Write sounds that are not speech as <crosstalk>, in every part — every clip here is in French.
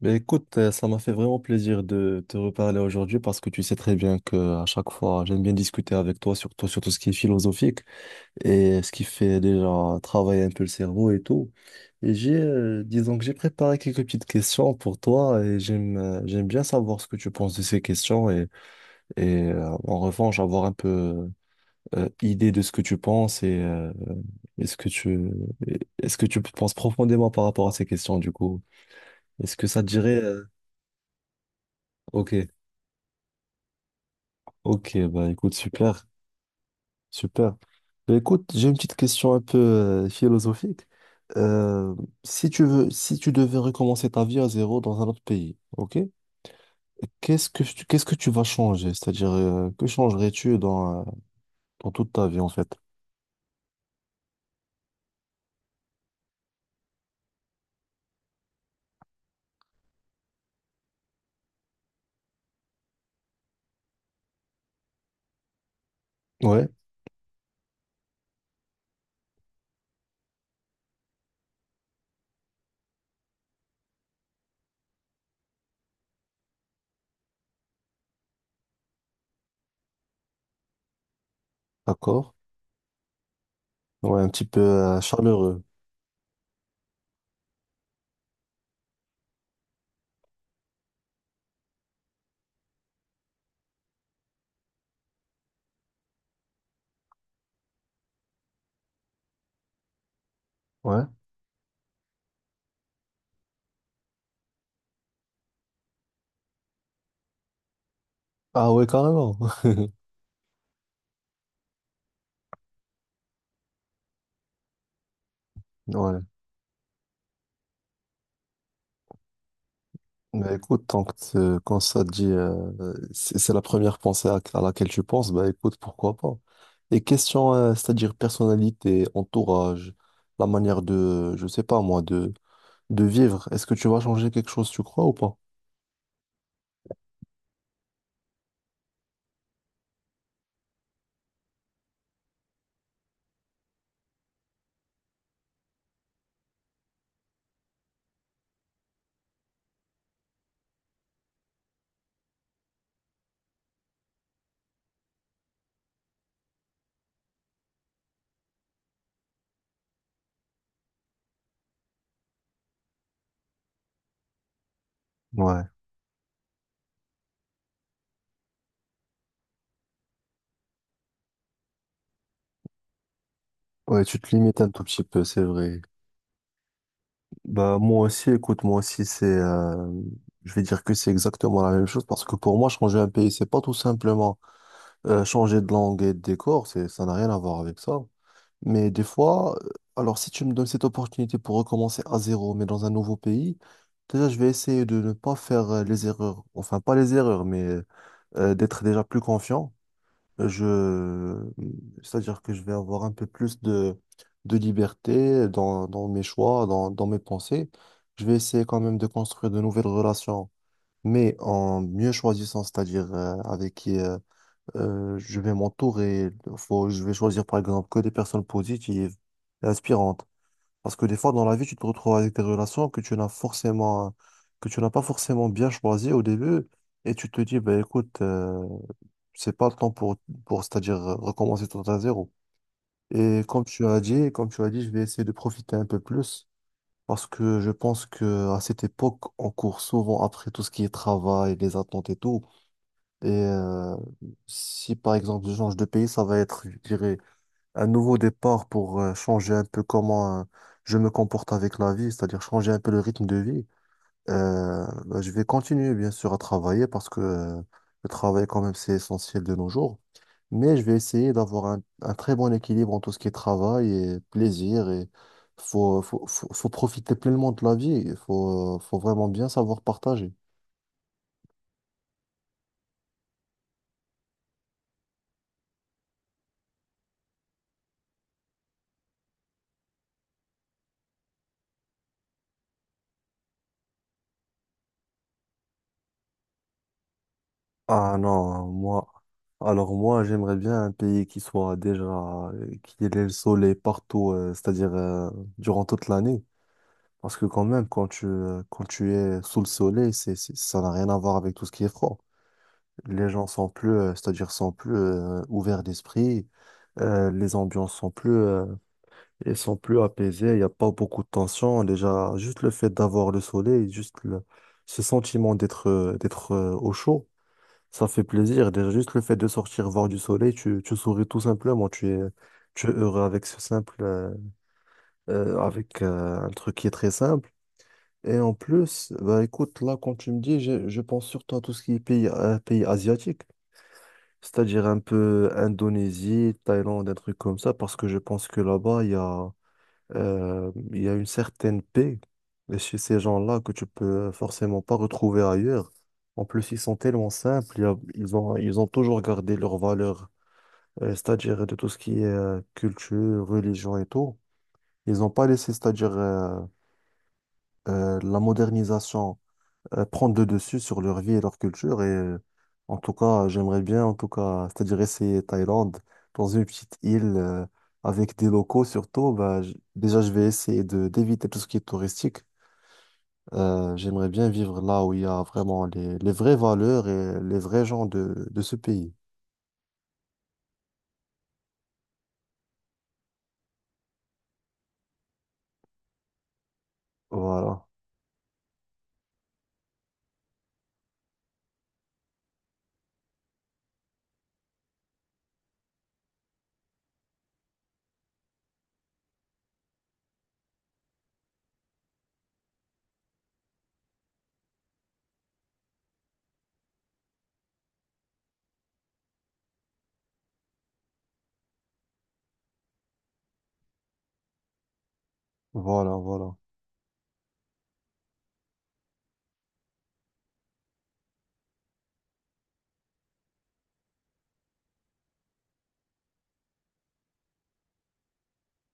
Ben écoute, ça m'a fait vraiment plaisir de te reparler aujourd'hui parce que tu sais très bien que à chaque fois, j'aime bien discuter avec toi, surtout sur tout ce qui est philosophique et ce qui fait déjà travailler un peu le cerveau et tout. Et disons que j'ai préparé quelques petites questions pour toi et j'aime bien savoir ce que tu penses de ces questions et en revanche avoir un peu idée de ce que tu penses et est-ce que tu est-ce que tu penses profondément par rapport à ces questions du coup? Est-ce que ça te dirait ok. Ok, bah écoute, super. Bah, écoute, j'ai une petite question un peu philosophique. Euh, si tu veux, si tu devais recommencer ta vie à zéro dans un autre pays, ok? Qu'est-ce que tu vas changer? C'est-à-dire, que changerais-tu dans toute ta vie en fait? Ouais, d'accord. Ouais, un petit peu chaleureux. Ouais. Ah ouais, carrément. <laughs> Ouais. Bah écoute, quand ça te dit, c'est la première pensée à laquelle tu penses, bah écoute, pourquoi pas. Et question, c'est-à-dire personnalité, entourage, la manière je sais pas moi, de vivre, est-ce que tu vas changer quelque chose, tu crois ou pas? Ouais, ouais, tu te limites un tout petit peu, c'est vrai. Bah moi aussi, écoute, moi aussi, je vais dire que c'est exactement la même chose parce que pour moi, changer un pays, c'est pas tout simplement changer de langue et de décor, ça n'a rien à voir avec ça. Mais des fois, alors si tu me donnes cette opportunité pour recommencer à zéro, mais dans un nouveau pays, déjà je vais essayer de ne pas faire les erreurs. Enfin, pas les erreurs, mais d'être déjà plus confiant. Je... C'est-à-dire que je vais avoir un peu plus de liberté dans mes choix, dans mes pensées. Je vais essayer quand même de construire de nouvelles relations, mais en mieux choisissant, c'est-à-dire avec qui. Je vais m'entourer. Je vais choisir par exemple que des personnes positives et inspirantes. Parce que des fois dans la vie, tu te retrouves avec des relations que tu n'as pas forcément bien choisies au début. Et tu te dis, bah, écoute, c'est pas le temps pour c'est-à-dire recommencer tout à zéro. Et comme tu as dit, je vais essayer de profiter un peu plus parce que je pense que à cette époque, on court souvent après tout ce qui est travail, les attentes et tout. Et si par exemple je change de pays, ça va être, je dirais, un nouveau départ pour changer un peu comment je me comporte avec la vie, c'est-à-dire changer un peu le rythme de vie. Bah, je vais continuer bien sûr à travailler parce que le travail quand même c'est essentiel de nos jours. Mais je vais essayer d'avoir un très bon équilibre en tout ce qui est travail et plaisir. Et faut profiter pleinement de la vie. Il faut vraiment bien savoir partager. Ah non, moi, alors moi, j'aimerais bien un pays qui soit déjà, qui ait le soleil partout, c'est-à-dire durant toute l'année. Parce que quand même, quand tu es sous le soleil, ça n'a rien à voir avec tout ce qui est froid. Les gens sont c'est-à-dire sont plus ouverts d'esprit, les ambiances sont elles sont plus apaisées, il n'y a pas beaucoup de tension. Déjà, juste le fait d'avoir le soleil, ce sentiment d'être au chaud, ça fait plaisir. Déjà, juste le fait de sortir voir du soleil, tu souris tout simplement, tu es heureux avec ce simple, avec un truc qui est très simple. Et en plus, bah écoute, là, quand tu me dis, je pense surtout à tout ce qui est pays, pays asiatique, c'est-à-dire un peu Indonésie, Thaïlande, un truc comme ça, parce que je pense que là-bas, il y a une certaine paix chez ces gens-là que tu peux forcément pas retrouver ailleurs. En plus, ils sont tellement simples, ils ont toujours gardé leurs valeurs, c'est-à-dire de tout ce qui est culture, religion et tout. Ils n'ont pas laissé, c'est-à-dire la modernisation prendre le dessus sur leur vie et leur culture. Et en tout cas, j'aimerais bien, en tout cas, c'est-à-dire essayer Thaïlande dans une petite île avec des locaux surtout. Bah, déjà, je vais essayer de d'éviter tout ce qui est touristique. J'aimerais bien vivre là où il y a vraiment les vraies valeurs et les vrais gens de ce pays. Voilà, voilà.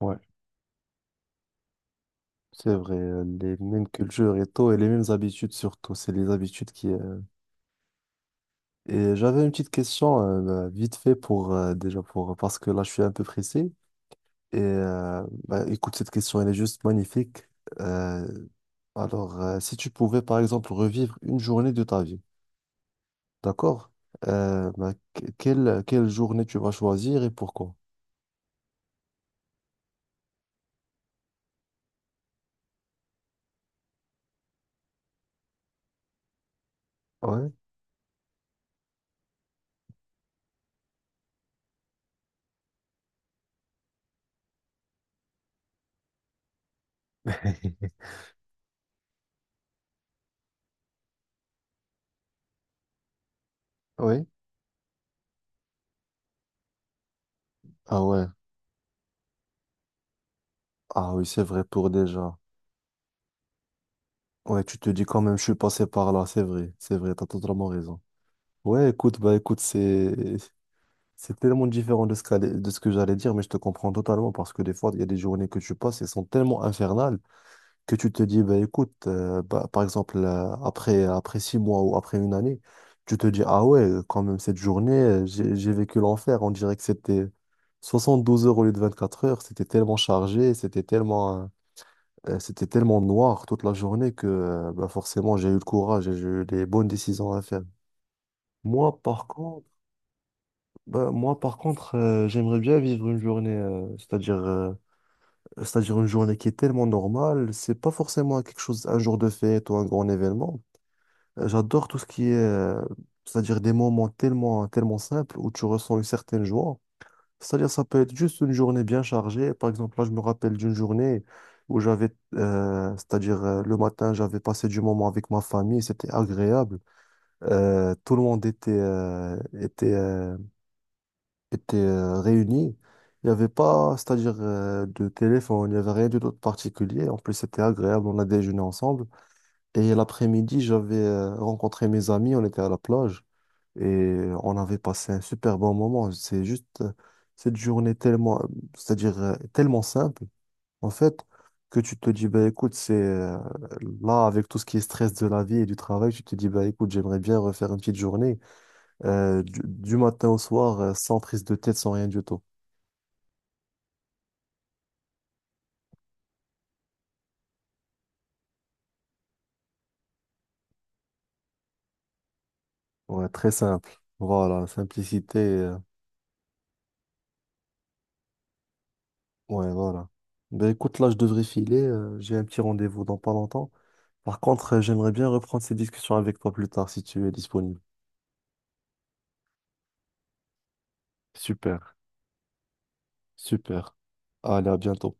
Ouais, c'est vrai, les mêmes cultures et tout, et les mêmes habitudes surtout. C'est les habitudes qui, Et j'avais une petite question bah, vite fait pour déjà pour parce que là je suis un peu pressé et bah, écoute cette question elle est juste magnifique. Euh, alors si tu pouvais par exemple revivre une journée de ta vie, d'accord? Bah, quelle journée tu vas choisir et pourquoi? Ouais, <laughs> oui. Ah ouais. Ah oui, c'est vrai pour déjà. Ouais, tu te dis quand même je suis passé par là, c'est vrai, t'as totalement raison. Ouais, écoute, bah écoute, c'est <laughs> c'est tellement différent de de ce que j'allais dire, mais je te comprends totalement parce que des fois, il y a des journées que tu passes elles sont tellement infernales que tu te dis, bah, écoute, bah, par exemple, après 6 mois ou après 1 année, tu te dis, ah ouais, quand même, cette journée, j'ai vécu l'enfer. On dirait que c'était 72 heures au lieu de 24 heures. C'était tellement chargé, c'était tellement noir toute la journée que bah, forcément, j'ai eu le courage et j'ai eu des bonnes décisions à faire. Moi, par contre, bah, moi, par contre, j'aimerais bien vivre une journée, c'est-à-dire une journée qui est tellement normale. C'est pas forcément quelque chose, un jour de fête ou un grand événement. J'adore tout ce qui est, c'est-à-dire des moments tellement, tellement simples où tu ressens une certaine joie. C'est-à-dire ça peut être juste une journée bien chargée. Par exemple, là, je me rappelle d'une journée où c'est-à-dire le matin, j'avais passé du moment avec ma famille. C'était agréable. Tout le monde était, étaient réunis. Il n'y avait pas, c'est-à-dire de téléphone, il n'y avait rien du tout de particulier. En plus, c'était agréable, on a déjeuné ensemble. Et l'après-midi, j'avais rencontré mes amis, on était à la plage et on avait passé un super bon moment. C'est juste cette journée tellement, c'est-à-dire tellement simple, en fait, que tu te dis, bah, écoute, c'est là, avec tout ce qui est stress de la vie et du travail, tu te dis, bah, écoute, j'aimerais bien refaire une petite journée du matin au soir, sans prise de tête, sans rien du tout. Ouais, très simple. Voilà, simplicité. Ouais, voilà. Ben écoute, là, je devrais filer. J'ai un petit rendez-vous dans pas longtemps. Par contre, j'aimerais bien reprendre ces discussions avec toi plus tard si tu es disponible. Super, super. Allez, à bientôt.